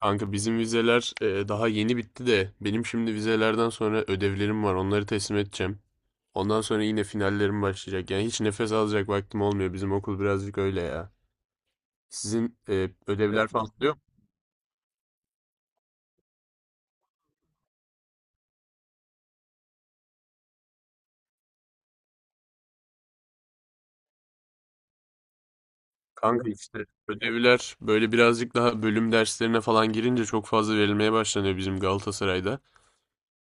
Kanka bizim vizeler daha yeni bitti de benim şimdi vizelerden sonra ödevlerim var. Onları teslim edeceğim. Ondan sonra yine finallerim başlayacak. Yani hiç nefes alacak vaktim olmuyor. Bizim okul birazcık öyle ya. Sizin ödevler falan oluyor mu? Kanka işte ödevler böyle birazcık daha bölüm derslerine falan girince çok fazla verilmeye başlanıyor bizim Galatasaray'da.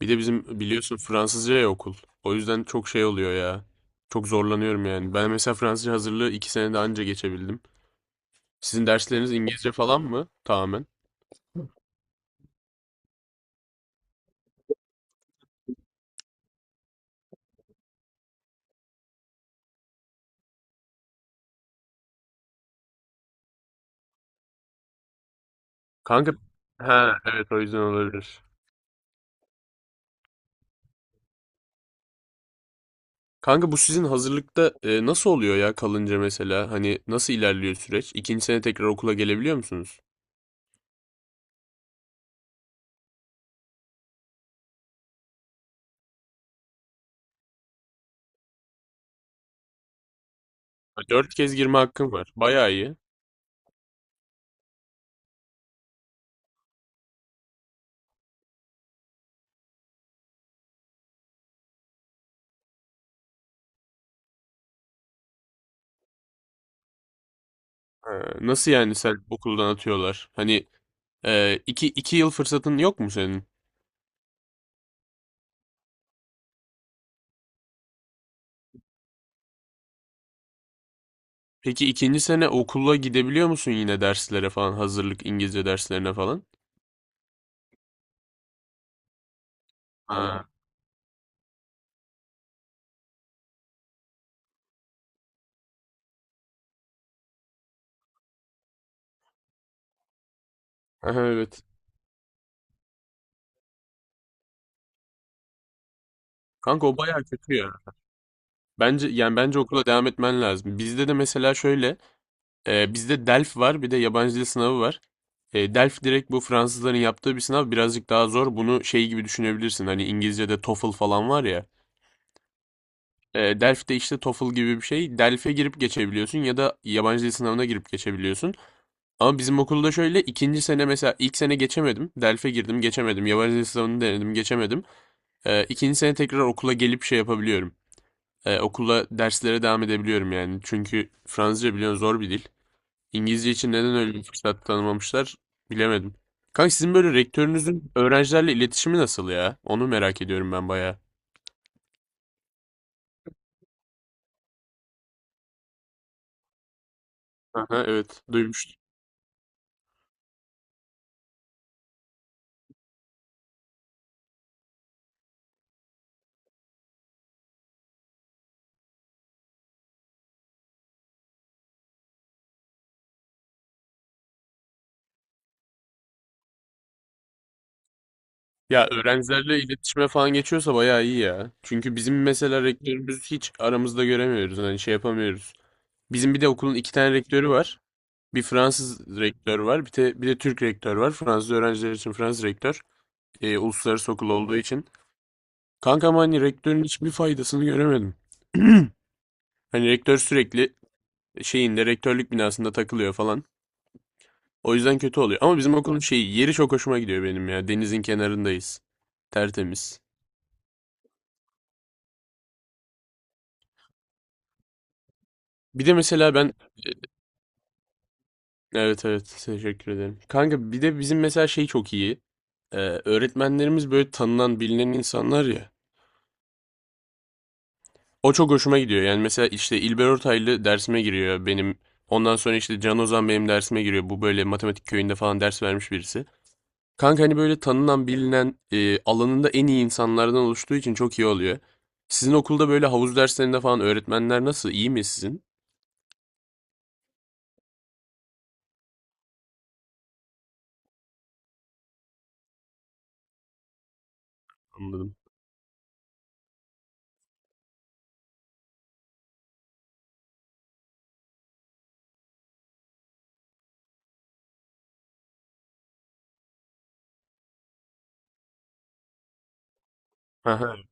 Bir de bizim biliyorsun Fransızca ya okul. O yüzden çok şey oluyor ya. Çok zorlanıyorum yani. Ben mesela Fransızca hazırlığı 2 senede anca geçebildim. Sizin dersleriniz İngilizce falan mı? Tamamen. Kanka, ha evet o yüzden olabilir. Kanka bu sizin hazırlıkta nasıl oluyor ya kalınca mesela? Hani nasıl ilerliyor süreç? İkinci sene tekrar okula gelebiliyor musunuz? Ha, 4 kez girme hakkım var. Bayağı iyi. Ha, nasıl yani sen okuldan atıyorlar? Hani iki yıl fırsatın yok mu senin? Peki ikinci sene okula gidebiliyor musun yine derslere falan? Hazırlık İngilizce derslerine falan? Ha. Aha, evet. Kanka o bayağı kötü ya. Bence yani bence okula devam etmen lazım. Bizde de mesela şöyle, bizde DELF var, bir de yabancı dil sınavı var. DELF direkt bu Fransızların yaptığı bir sınav, birazcık daha zor. Bunu şey gibi düşünebilirsin. Hani İngilizce'de TOEFL falan var ya. DELF de işte TOEFL gibi bir şey. DELF'e girip geçebiliyorsun ya da yabancı dil sınavına girip geçebiliyorsun. Ama bizim okulda şöyle ikinci sene mesela ilk sene geçemedim. DELF'e girdim, geçemedim. Yabancı dil sınavını denedim, geçemedim. İkinci sene tekrar okula gelip şey yapabiliyorum. Okula derslere devam edebiliyorum yani. Çünkü Fransızca biliyorsun zor bir dil. İngilizce için neden öyle bir fırsat tanımamışlar bilemedim. Kanka sizin böyle rektörünüzün öğrencilerle iletişimi nasıl ya? Onu merak ediyorum ben bayağı. Aha, evet duymuştum. Ya öğrencilerle iletişime falan geçiyorsa bayağı iyi ya. Çünkü bizim mesela rektörümüz hiç aramızda göremiyoruz. Hani şey yapamıyoruz. Bizim bir de okulun 2 tane rektörü var. Bir Fransız rektör var. Bir de Türk rektör var. Fransız öğrenciler için Fransız rektör. Uluslararası okul olduğu için. Kankam hani rektörün hiçbir faydasını göremedim. Hani rektör sürekli şeyinde rektörlük binasında takılıyor falan. O yüzden kötü oluyor. Ama bizim okulun şeyi yeri çok hoşuma gidiyor benim ya. Denizin kenarındayız. Tertemiz. Bir de mesela ben e, evet evet teşekkür ederim. Kanka bir de bizim mesela şey çok iyi. Öğretmenlerimiz böyle tanınan bilinen insanlar ya. O çok hoşuma gidiyor. Yani mesela işte İlber Ortaylı dersime giriyor benim. Ondan sonra işte Can Ozan benim dersime giriyor. Bu böyle matematik köyünde falan ders vermiş birisi. Kanka hani böyle tanınan, bilinen, alanında en iyi insanlardan oluştuğu için çok iyi oluyor. Sizin okulda böyle havuz derslerinde falan öğretmenler nasıl? İyi mi sizin? Anladım. Aha,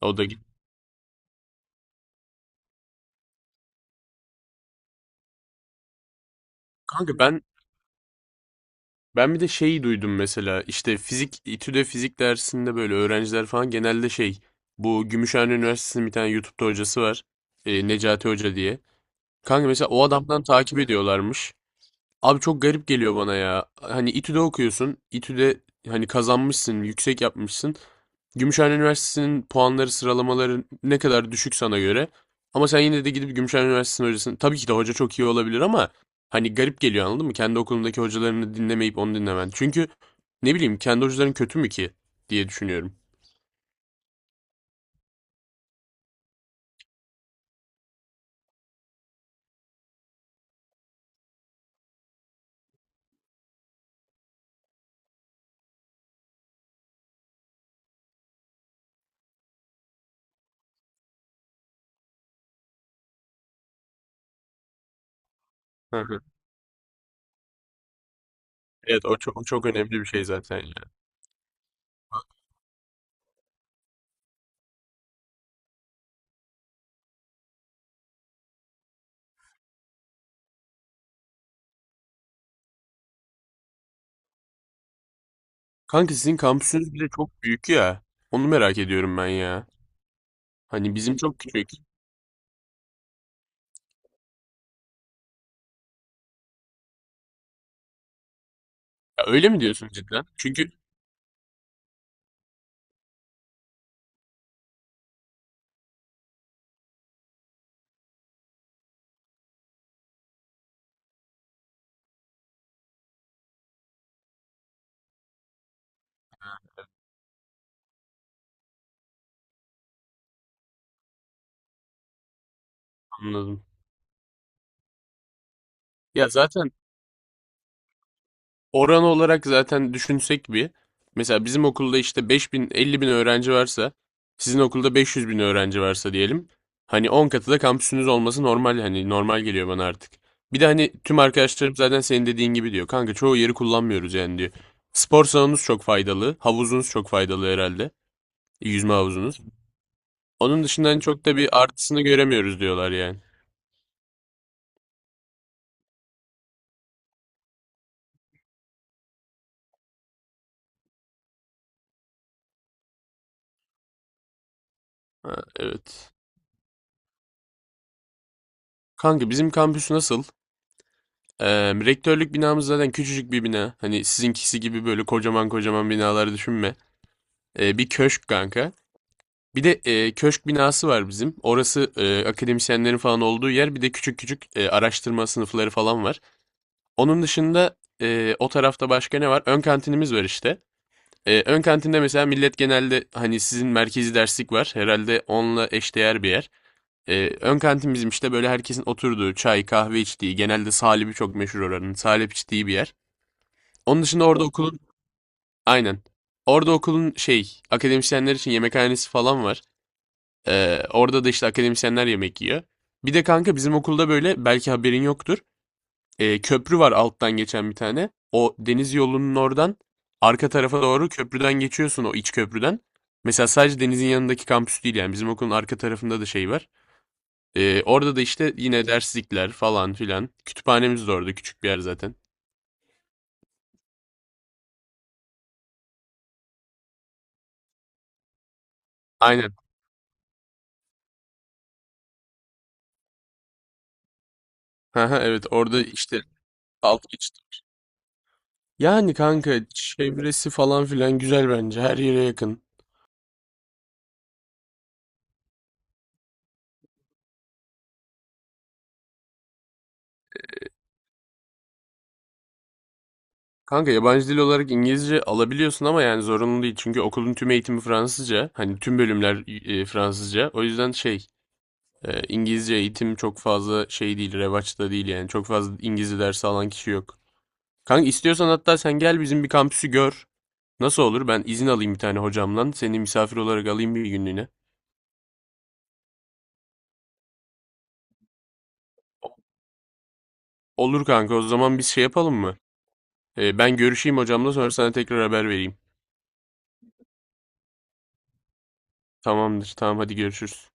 o da git. Kanka ben bir de şeyi duydum mesela işte fizik İTÜ'de fizik dersinde böyle öğrenciler falan genelde şey bu Gümüşhane Üniversitesi'nin bir tane YouTube'da hocası var. Necati Hoca diye. Kanka mesela o adamdan takip ediyorlarmış. Abi çok garip geliyor bana ya. Hani İTÜ'de okuyorsun. İTÜ'de hani kazanmışsın, yüksek yapmışsın. Gümüşhane Üniversitesi'nin puanları, sıralamaları ne kadar düşük sana göre. Ama sen yine de gidip Gümüşhane Üniversitesi'nin hocasını... Tabii ki de hoca çok iyi olabilir ama hani garip geliyor anladın mı? Kendi okulundaki hocalarını dinlemeyip onu dinlemen. Çünkü ne bileyim kendi hocaların kötü mü ki diye düşünüyorum. Hı hı. Evet o çok, o çok önemli bir şey zaten ya. Kanka sizin kampüsünüz bile çok büyük ya. Onu merak ediyorum ben ya. Hani bizim çok küçük. Ya öyle mi diyorsun cidden? Çünkü anladım. Ya zaten oran olarak zaten düşünsek bir. Mesela bizim okulda işte 5000 bin, 50 bin öğrenci varsa, sizin okulda 500 bin öğrenci varsa diyelim. Hani 10 katı da kampüsünüz olması normal hani normal geliyor bana artık. Bir de hani tüm arkadaşlarım zaten senin dediğin gibi diyor. Kanka çoğu yeri kullanmıyoruz yani diyor. Spor salonunuz çok faydalı, havuzunuz çok faydalı herhalde. Yüzme havuzunuz. Onun dışında hani çok da bir artısını göremiyoruz diyorlar yani. Ha, evet. Kanka bizim kampüs nasıl? Ee, rektörlük binamız zaten küçücük bir bina. Hani sizinkisi gibi böyle kocaman kocaman binalar düşünme. Bir köşk kanka. Bir de köşk binası var bizim. Orası akademisyenlerin falan olduğu yer. Bir de küçük küçük araştırma sınıfları falan var. Onun dışında o tarafta başka ne var? Ön kantinimiz var işte. Ön kantinde mesela millet genelde hani sizin merkezi derslik var. Herhalde onunla eşdeğer bir yer. Ön kantin bizim işte böyle herkesin oturduğu, çay, kahve içtiği, genelde salebi çok meşhur oranın. Salep içtiği bir yer. Onun dışında orada okulun, aynen. Orada okulun şey, akademisyenler için yemekhanesi falan var. Orada da işte akademisyenler yemek yiyor. Bir de kanka bizim okulda böyle belki haberin yoktur köprü var alttan geçen bir tane. O deniz yolunun oradan arka tarafa doğru köprüden geçiyorsun o iç köprüden. Mesela sadece denizin yanındaki kampüs değil yani bizim okulun arka tarafında da şey var. Orada da işte yine derslikler falan filan. Kütüphanemiz de orada küçük bir yer zaten. Aynen. Haha, evet orada işte alt geçit. Yani kanka çevresi falan filan güzel bence her yere yakın. Kanka yabancı dil olarak İngilizce alabiliyorsun ama yani zorunlu değil. Çünkü okulun tüm eğitimi Fransızca. Hani tüm bölümler Fransızca. O yüzden şey İngilizce eğitim çok fazla şey değil. Revaçta değil yani. Çok fazla İngilizce dersi alan kişi yok. Kanka istiyorsan hatta sen gel bizim bir kampüsü gör. Nasıl olur? Ben izin alayım bir tane hocamdan. Seni misafir olarak alayım bir günlüğüne. Olur kanka o zaman biz şey yapalım mı? Ben görüşeyim hocamla sonra sana tekrar haber vereyim. Tamamdır. Tamam hadi görüşürüz.